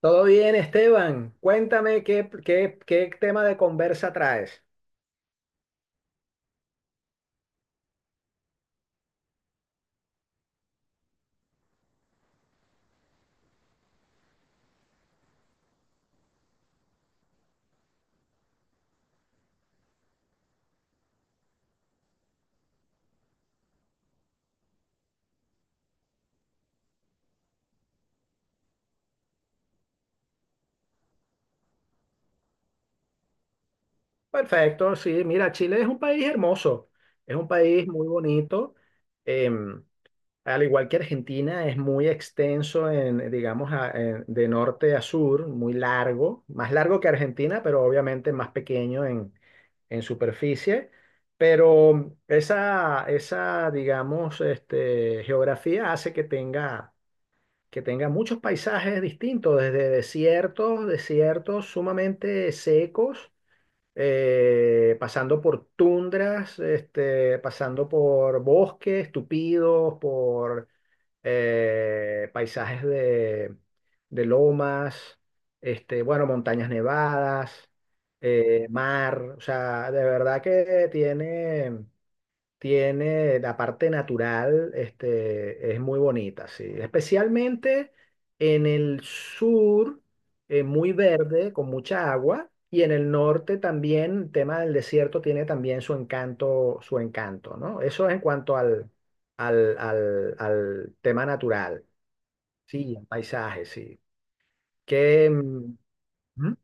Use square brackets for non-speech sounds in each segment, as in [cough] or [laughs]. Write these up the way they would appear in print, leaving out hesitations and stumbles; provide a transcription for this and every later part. Todo bien, Esteban. Cuéntame qué tema de conversa traes. Perfecto, sí. Mira, Chile es un país hermoso, es un país muy bonito. em, Al igual que Argentina, es muy extenso en, digamos, a- en- de norte a sur, muy largo, más largo que Argentina, pero obviamente más pequeño en superficie, pero geografía hace que tenga muchos paisajes distintos, desde desiertos sumamente secos, pasando por tundras, pasando por bosques tupidos, por paisajes de lomas, bueno, montañas nevadas, mar. O sea, de verdad que tiene tiene la parte natural, este, es muy bonita, sí. Especialmente en el sur, muy verde, con mucha agua, y en el norte también, el tema del desierto tiene también su encanto, ¿no? Eso es en cuanto al tema natural, sí, el paisaje, sí. Que, mm,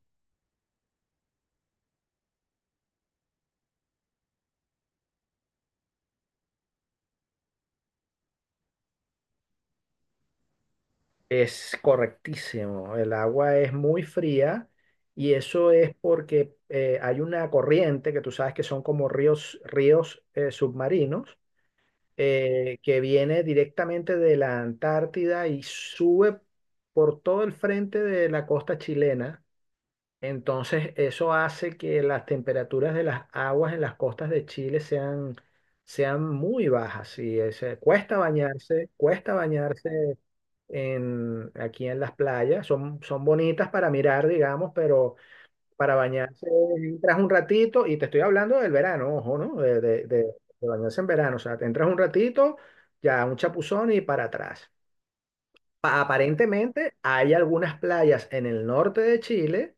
es correctísimo. El agua es muy fría y eso es porque hay una corriente que tú sabes que son como ríos, ríos submarinos que viene directamente de la Antártida y sube por todo el frente de la costa chilena. Entonces eso hace que las temperaturas de las aguas en las costas de Chile sean, sean muy bajas. Y es, cuesta bañarse aquí en las playas. Son, son bonitas para mirar, digamos, pero para bañarse entras un ratito, y te estoy hablando del verano, ojo, ¿no? De bañarse en verano. O sea, te entras un ratito, ya un chapuzón y para atrás. Aparentemente hay algunas playas en el norte de Chile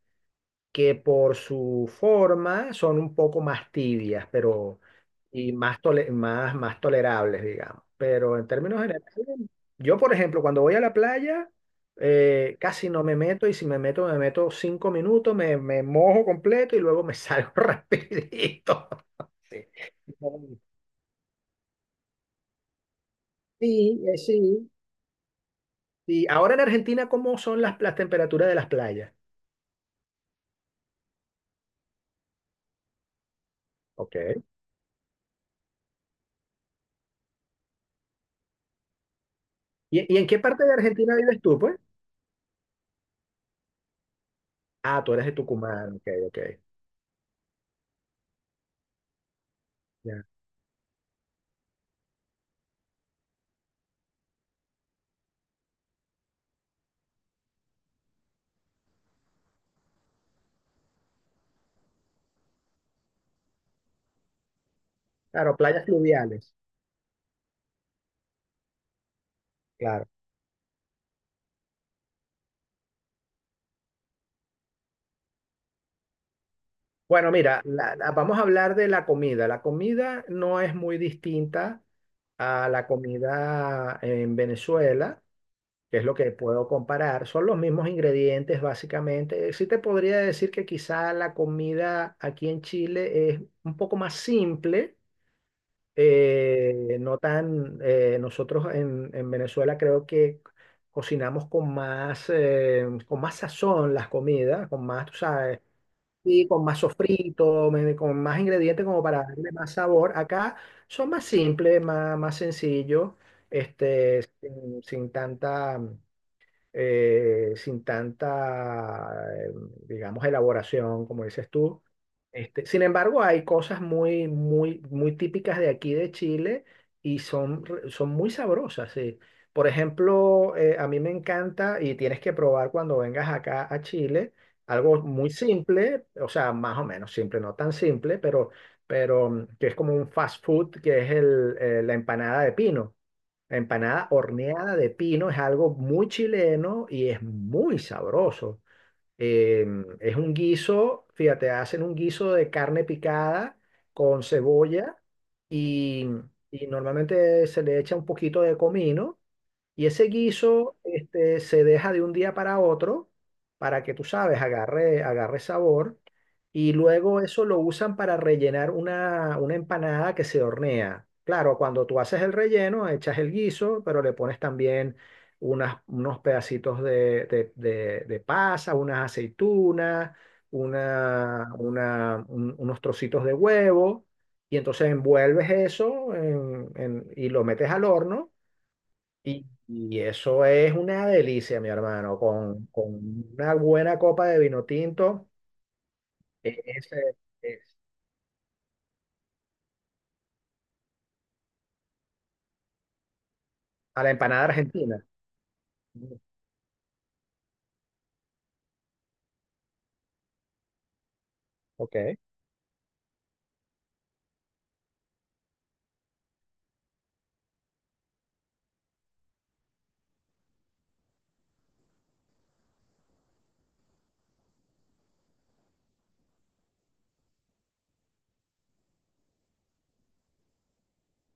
que por su forma son un poco más tibias, pero y más tolerables, digamos. Pero en términos generales, yo, por ejemplo, cuando voy a la playa, casi no me meto y si me meto, me meto cinco minutos, me mojo completo y luego me salgo [laughs] rapidito. Sí, sí, sí. Sí, ahora en Argentina, ¿cómo son las temperaturas de las playas? Ok. Y en qué parte de Argentina vives tú, pues? Ah, tú eres de Tucumán, ok, ok. Claro, playas fluviales, claro. Bueno, mira, vamos a hablar de la comida. La comida no es muy distinta a la comida en Venezuela, que es lo que puedo comparar. Son los mismos ingredientes, básicamente. Sí te podría decir que quizá la comida aquí en Chile es un poco más simple, no tan... nosotros en Venezuela creo que cocinamos con más sazón las comidas, con más, tú sabes. Sí, con más sofrito, con más ingredientes como para darle más sabor. Acá son más simples, más, más sencillos, sin, sin tanta, digamos, elaboración, como dices tú. Este, sin embargo, hay cosas muy, muy, muy típicas de aquí de Chile y son, son muy sabrosas, sí. Por ejemplo, a mí me encanta y tienes que probar cuando vengas acá a Chile algo muy simple, o sea, más o menos simple, no tan simple, pero mm, que es como un fast food, que es la empanada de pino. La empanada horneada de pino es algo muy chileno y es muy sabroso. Em, es un guiso, fíjate, hacen un guiso de carne picada con cebolla y, y normalmente se le echa un poquito de comino y ese guiso, este, se deja de un día para otro para que tú sabes, agarre, agarre sabor. Y luego eso lo usan para rellenar una empanada que se hornea. Claro, cuando tú haces el relleno, echas el guiso, pero le pones también unas, unos pedacitos de pasa, unas aceitunas, unos trocitos de huevo. Y entonces envuelves eso y lo metes al horno y eso es una delicia, mi hermano, con una buena copa de vino tinto, eh, es, eh, es a la empanada argentina. Mm, ok,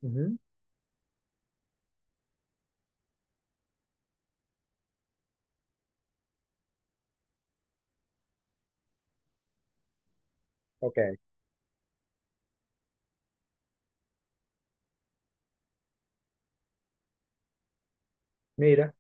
ujú, ok, mira.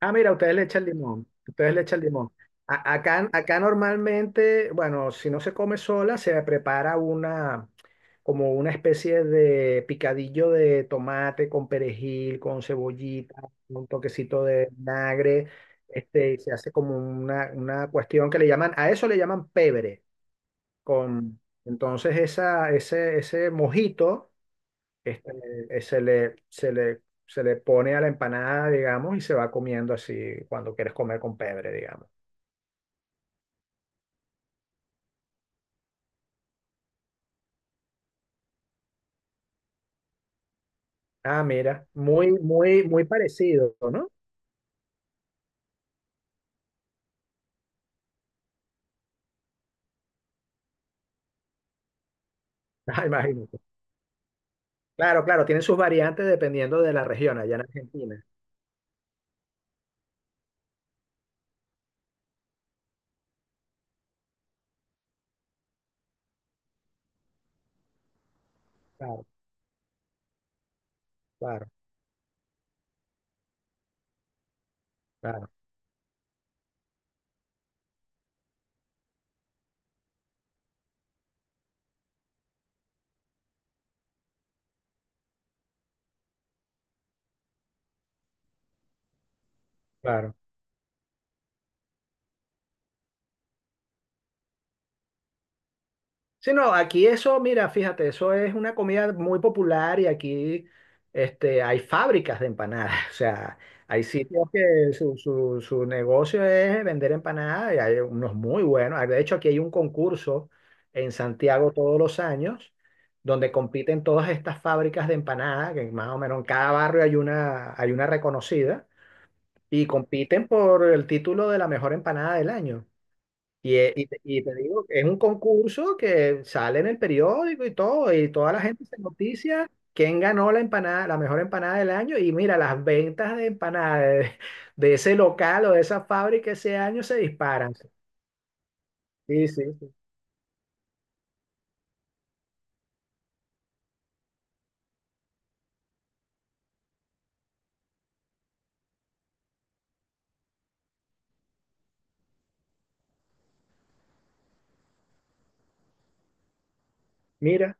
Ah, mira, ustedes le echan limón, ustedes le echan limón. Acá, acá normalmente, bueno, si no se come sola, se prepara una, como una especie de picadillo de tomate con perejil, con cebollita, un toquecito de vinagre, este, y se hace como una cuestión que le llaman, a eso le llaman pebre, con, entonces esa, ese mojito este, eh, se le, se le, se le pone a la empanada, digamos, y se va comiendo así cuando quieres comer con pebre, digamos. Ah, mira, muy, muy, muy parecido, ¿no? [laughs] Ah, imagínate. Claro, claro, tienen sus variantes dependiendo de la región allá en Argentina. Claro, claro, claro, claro. Sí, no, aquí eso, mira, fíjate, eso es una comida muy popular y aquí este, hay fábricas de empanadas. [laughs] O sea, hay sitios que su negocio es vender empanadas y hay unos muy buenos. De hecho, aquí hay un concurso en Santiago todos los años donde compiten todas estas fábricas de empanadas, que más o menos en cada barrio hay una reconocida. Y compiten por el título de la mejor empanada del año. Y, te y te digo, es un concurso que sale en el periódico y todo, y toda la gente se noticia quién ganó la empanada, la mejor empanada del año. Y mira, las ventas de empanadas de, [laughs] de ese local o de esa fábrica ese año se disparan. Sí, sí, sí. Mira,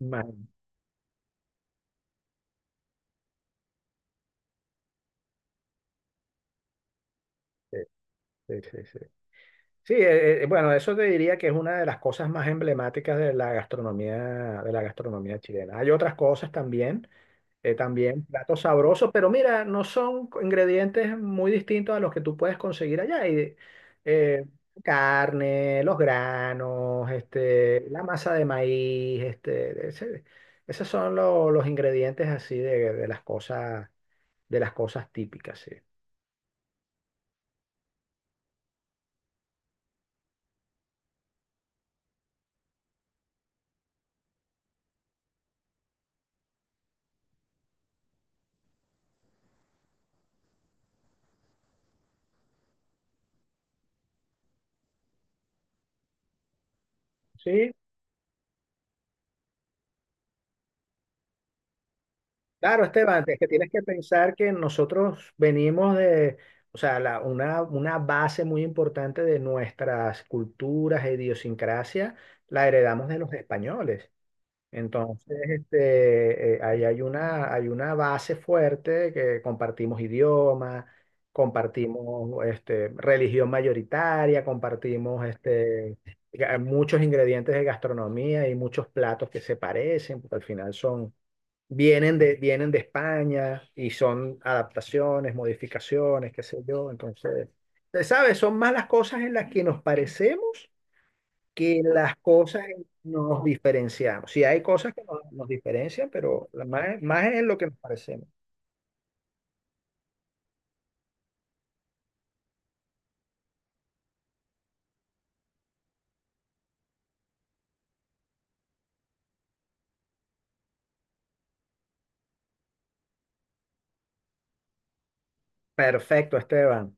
man, sí, sí, sí, sí. Sí, bueno, eso te diría que es una de las cosas más emblemáticas de la gastronomía chilena. Hay otras cosas también. También platos sabrosos, pero mira, no son ingredientes muy distintos a los que tú puedes conseguir allá. Y, eh, carne, los granos, este, la masa de maíz, esos son los ingredientes así de las cosas típicas, sí. Sí, claro, Esteban, es que tienes que pensar que nosotros venimos de, o sea, una base muy importante de nuestras culturas e idiosincrasia la heredamos de los españoles. Entonces, ahí hay una base fuerte que compartimos idioma, compartimos este, religión mayoritaria, compartimos este, muchos ingredientes de gastronomía y muchos platos que se parecen, porque al final son vienen de, vienen de España y son adaptaciones, modificaciones, qué sé yo. Entonces, ¿sabes? Son más las cosas en las que nos parecemos que las cosas en que nos diferenciamos. Sí, hay cosas que nos, nos diferencian, pero más, más es en lo que nos parecemos. Perfecto, Esteban.